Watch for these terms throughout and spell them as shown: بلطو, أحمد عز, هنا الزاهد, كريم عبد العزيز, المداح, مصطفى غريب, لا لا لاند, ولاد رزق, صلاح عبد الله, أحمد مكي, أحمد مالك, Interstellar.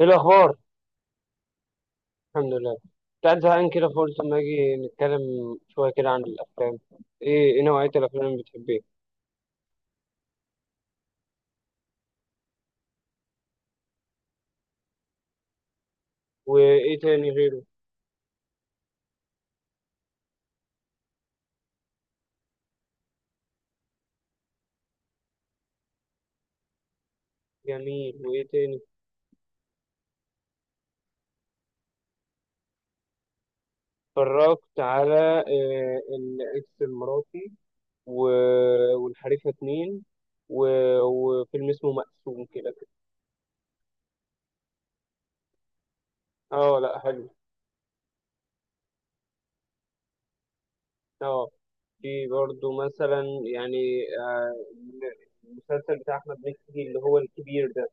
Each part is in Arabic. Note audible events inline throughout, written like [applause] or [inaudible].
ايه الاخبار؟ الحمد لله، كنت قاعد زهقان كده فقلت اما اجي نتكلم شويه كده عن الافلام. ايه نوعيه الافلام اللي بتحبيها؟ وايه تاني غيره؟ جميل، وايه تاني؟ اتفرجت على الاكس المراتي والحريفه 2 وفيلم اسمه مقسوم كده كده. اه لا حلو. اه، في برضه مثلا يعني المسلسل بتاع احمد مكي اللي هو الكبير ده،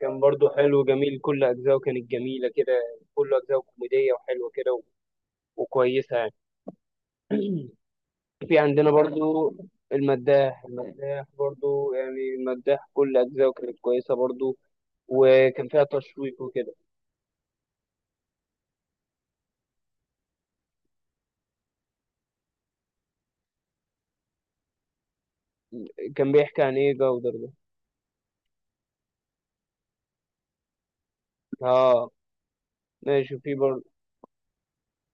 كان برضو حلو جميل، كل أجزاءه كانت جميلة كده، كل أجزاءه كوميدية وحلوة كده وكويسة يعني. [clears throat] في عندنا برضو المداح، المداح برضو يعني المداح كل أجزاءه كانت كويسة برضو، وكان فيها تشويق وكده. كان بيحكي عن إيه جودر ده؟ آه ماشي، في برضو.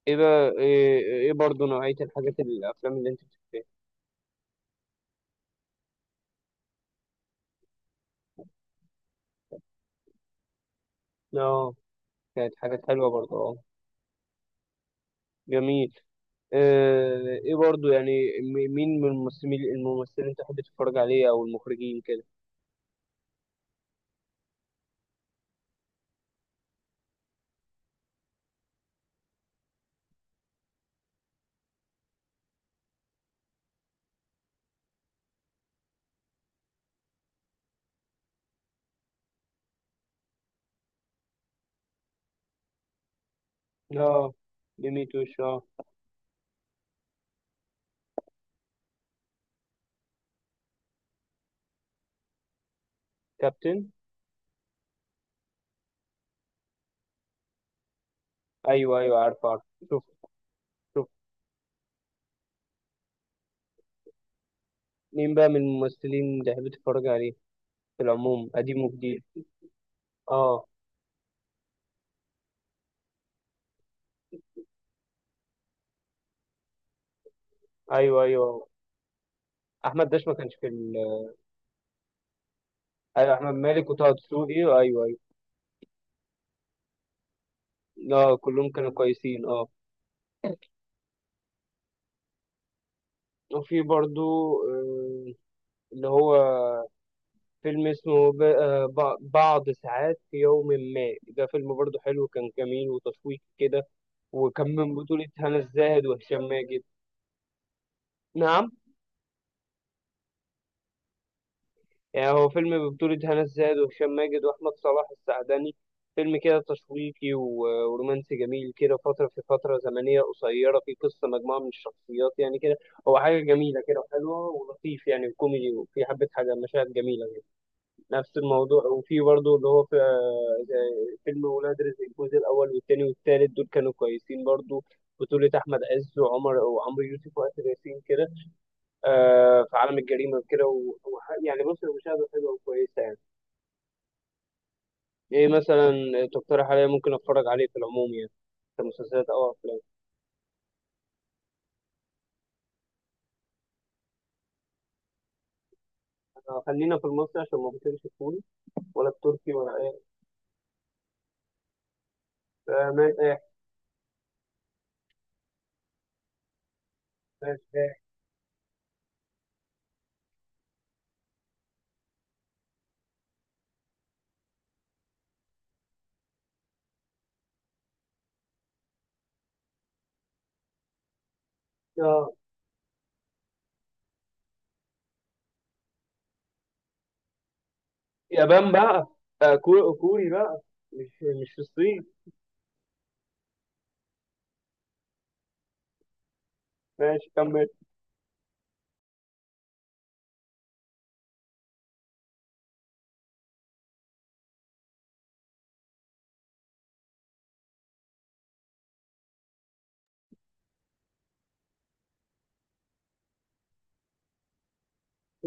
إيه بقى؟ إيه، إيه برضو نوعية الحاجات الأفلام اللي أنت بتحبها؟ آه، كانت حاجات حلوة برضو. آه جميل. ايه برضو يعني مين من الممثلين تحب تتفرج عليه او المخرجين كده؟ اه، ديميتوش اه. كابتن. ايوه ايوه، عارف عارف. شوف، شوف. مين بقى من الممثلين تحب تتفرج عليه في العموم، قديم وجديد؟ اه، ايوه ايوه. احمد داش ما كانش في ال... ايوه احمد مالك وطه دسوقي، ايوه ايوه. اه كلهم كانوا كويسين، اه. وفي برضو آه، اللي هو فيلم اسمه بعض ساعات في يوم ما، ده فيلم برضه حلو، كان جميل وتشويق كده، وكان من بطولة هنا الزاهد وهشام ماجد. نعم. يعني هو فيلم ببطولة هنا الزاهد وهشام ماجد وأحمد صلاح السعدني، فيلم كده تشويقي ورومانسي جميل كده، في فترة زمنية قصيرة، في قصة مجموعة من الشخصيات يعني كده. هو حاجة جميلة كده وحلوة ولطيف يعني وكوميدي، وفي حبة حاجة مشاهد جميلة. نفس الموضوع. وفي برضه اللي هو في زي فيلم ولاد رزق، الجزء الأول والتاني والتالت دول كانوا كويسين برضه. بطولة أحمد عز وعمرو يوسف وآسر ياسين كده، آه في عالم الجريمة كده يعني بص، المشاهدة حلوة وكويسة يعني. إيه مثلا تقترح عليا ممكن أتفرج عليه في العموم يعني، كمسلسلات أو أفلام؟ خلينا في المصري عشان ما بطلش كوري، ولا التركي ولا إيه؟ آه ماشي، إيه؟ ماشي إيه؟ آه، يابان بقى؟ آه كوري بقى، مش في الصين؟ ماشي كمل.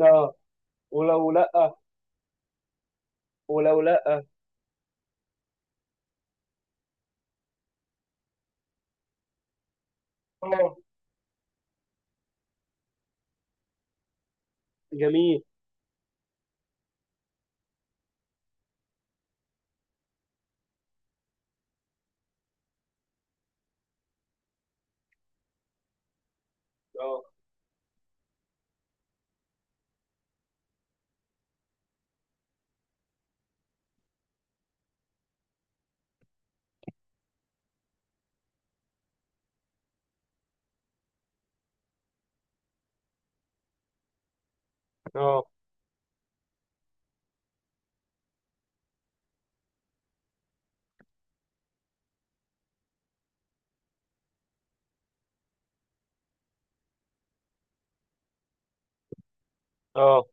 اه. ولو لأ؟ ولو لأ؟ اه جميل. اه، اه، اه،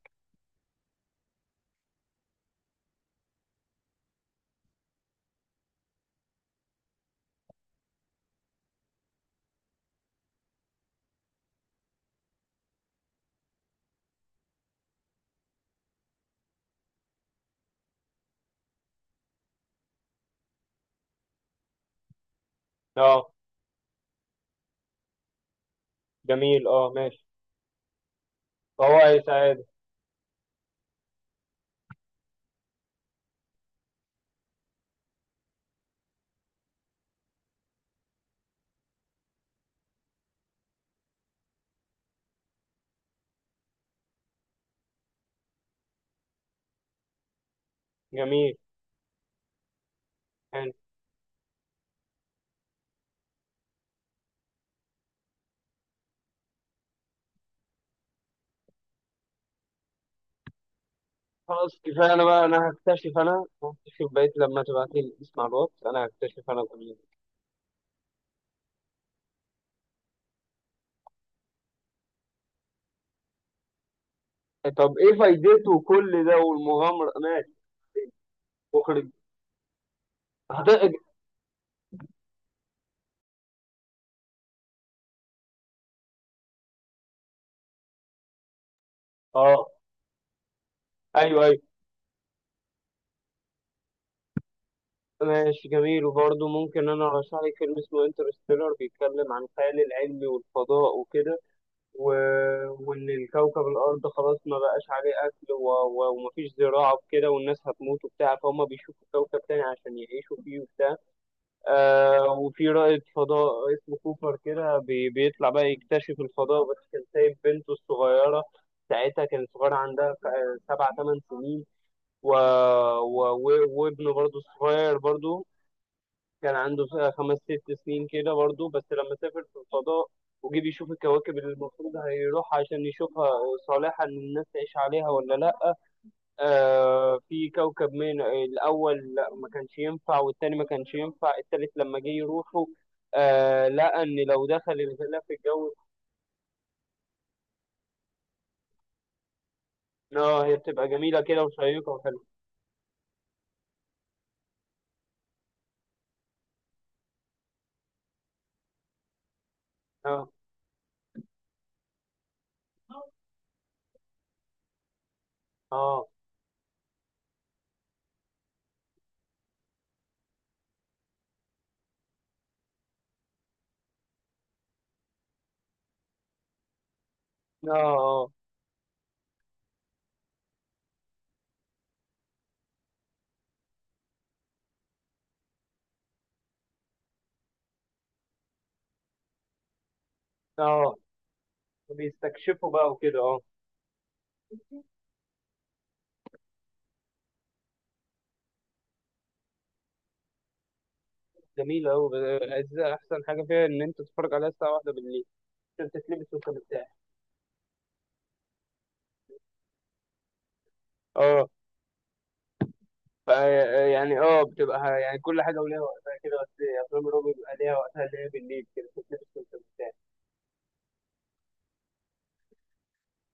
اه جميل، اه ماشي. فهو ايه سعادة؟ جميل. حلو. خلاص كفاية، انا بقى انا هكتشف بقيت لما تبعت لي اسم على الواتس، انا هكتشف انا كل ده. طب ايه فايدته كل ده والمغامرة؟ ماشي. اخرج. هتقج. اه، ايوه ايوه. ماشي جميل، وبرضه ممكن انا ارشح لك فيلم اسمه انترستيلر، بيتكلم عن الخيال العلمي والفضاء وكده، وان الكوكب الارض خلاص ما بقاش عليه اكل ومفيش زراعه وكده، والناس هتموت وبتاع، فهم بيشوفوا كوكب تاني عشان يعيشوا فيه وبتاع. آه، وفي رائد فضاء اسمه كوبر كده بيطلع بقى يكتشف الفضاء، بس كان سايب بنته الصغيره ساعتها، كانت صغيره عندها سبع ثمان سنين و... وابنه برضه الصغير برضه كان عنده خمس ست سنين كده برضه. بس لما سافر في الفضاء وجي بيشوف الكواكب اللي المفروض هيروح عشان يشوفها، صالحة إن الناس تعيش عليها ولا لأ، آه في كوكب من الأول لأ ما كانش ينفع، والتاني ما كانش ينفع، التالت لما جه يروحوا آه لقى إن لو دخل الغلاف الجوي. آه، هي بتبقى جميلة كده وشيقة وحلوة. آه، آه، آه، آه. بيستكشفوا بقى وكده، آه. جميلة أوي الأجزاء، أحسن حاجة فيها إن أنت تتفرج عليها الساعة واحدة بالليل عشان تتلبس وأنت مرتاح. أه. فا يعني أه، بتبقى يعني كل حاجة وليها وقتها كده، بس أفلام الرعب بيبقى ليها وقتها اللي هي بالليل كده تتلبس وأنت مرتاح.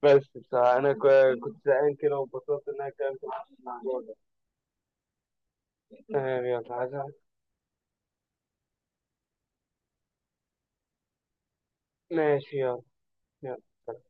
بس بصراحة أنا كنت زهقان كده وانبسطت إن أنا اتكلمت معاك في الموضوع ده. تمام يلا عايز- ماشي يلا. يلا.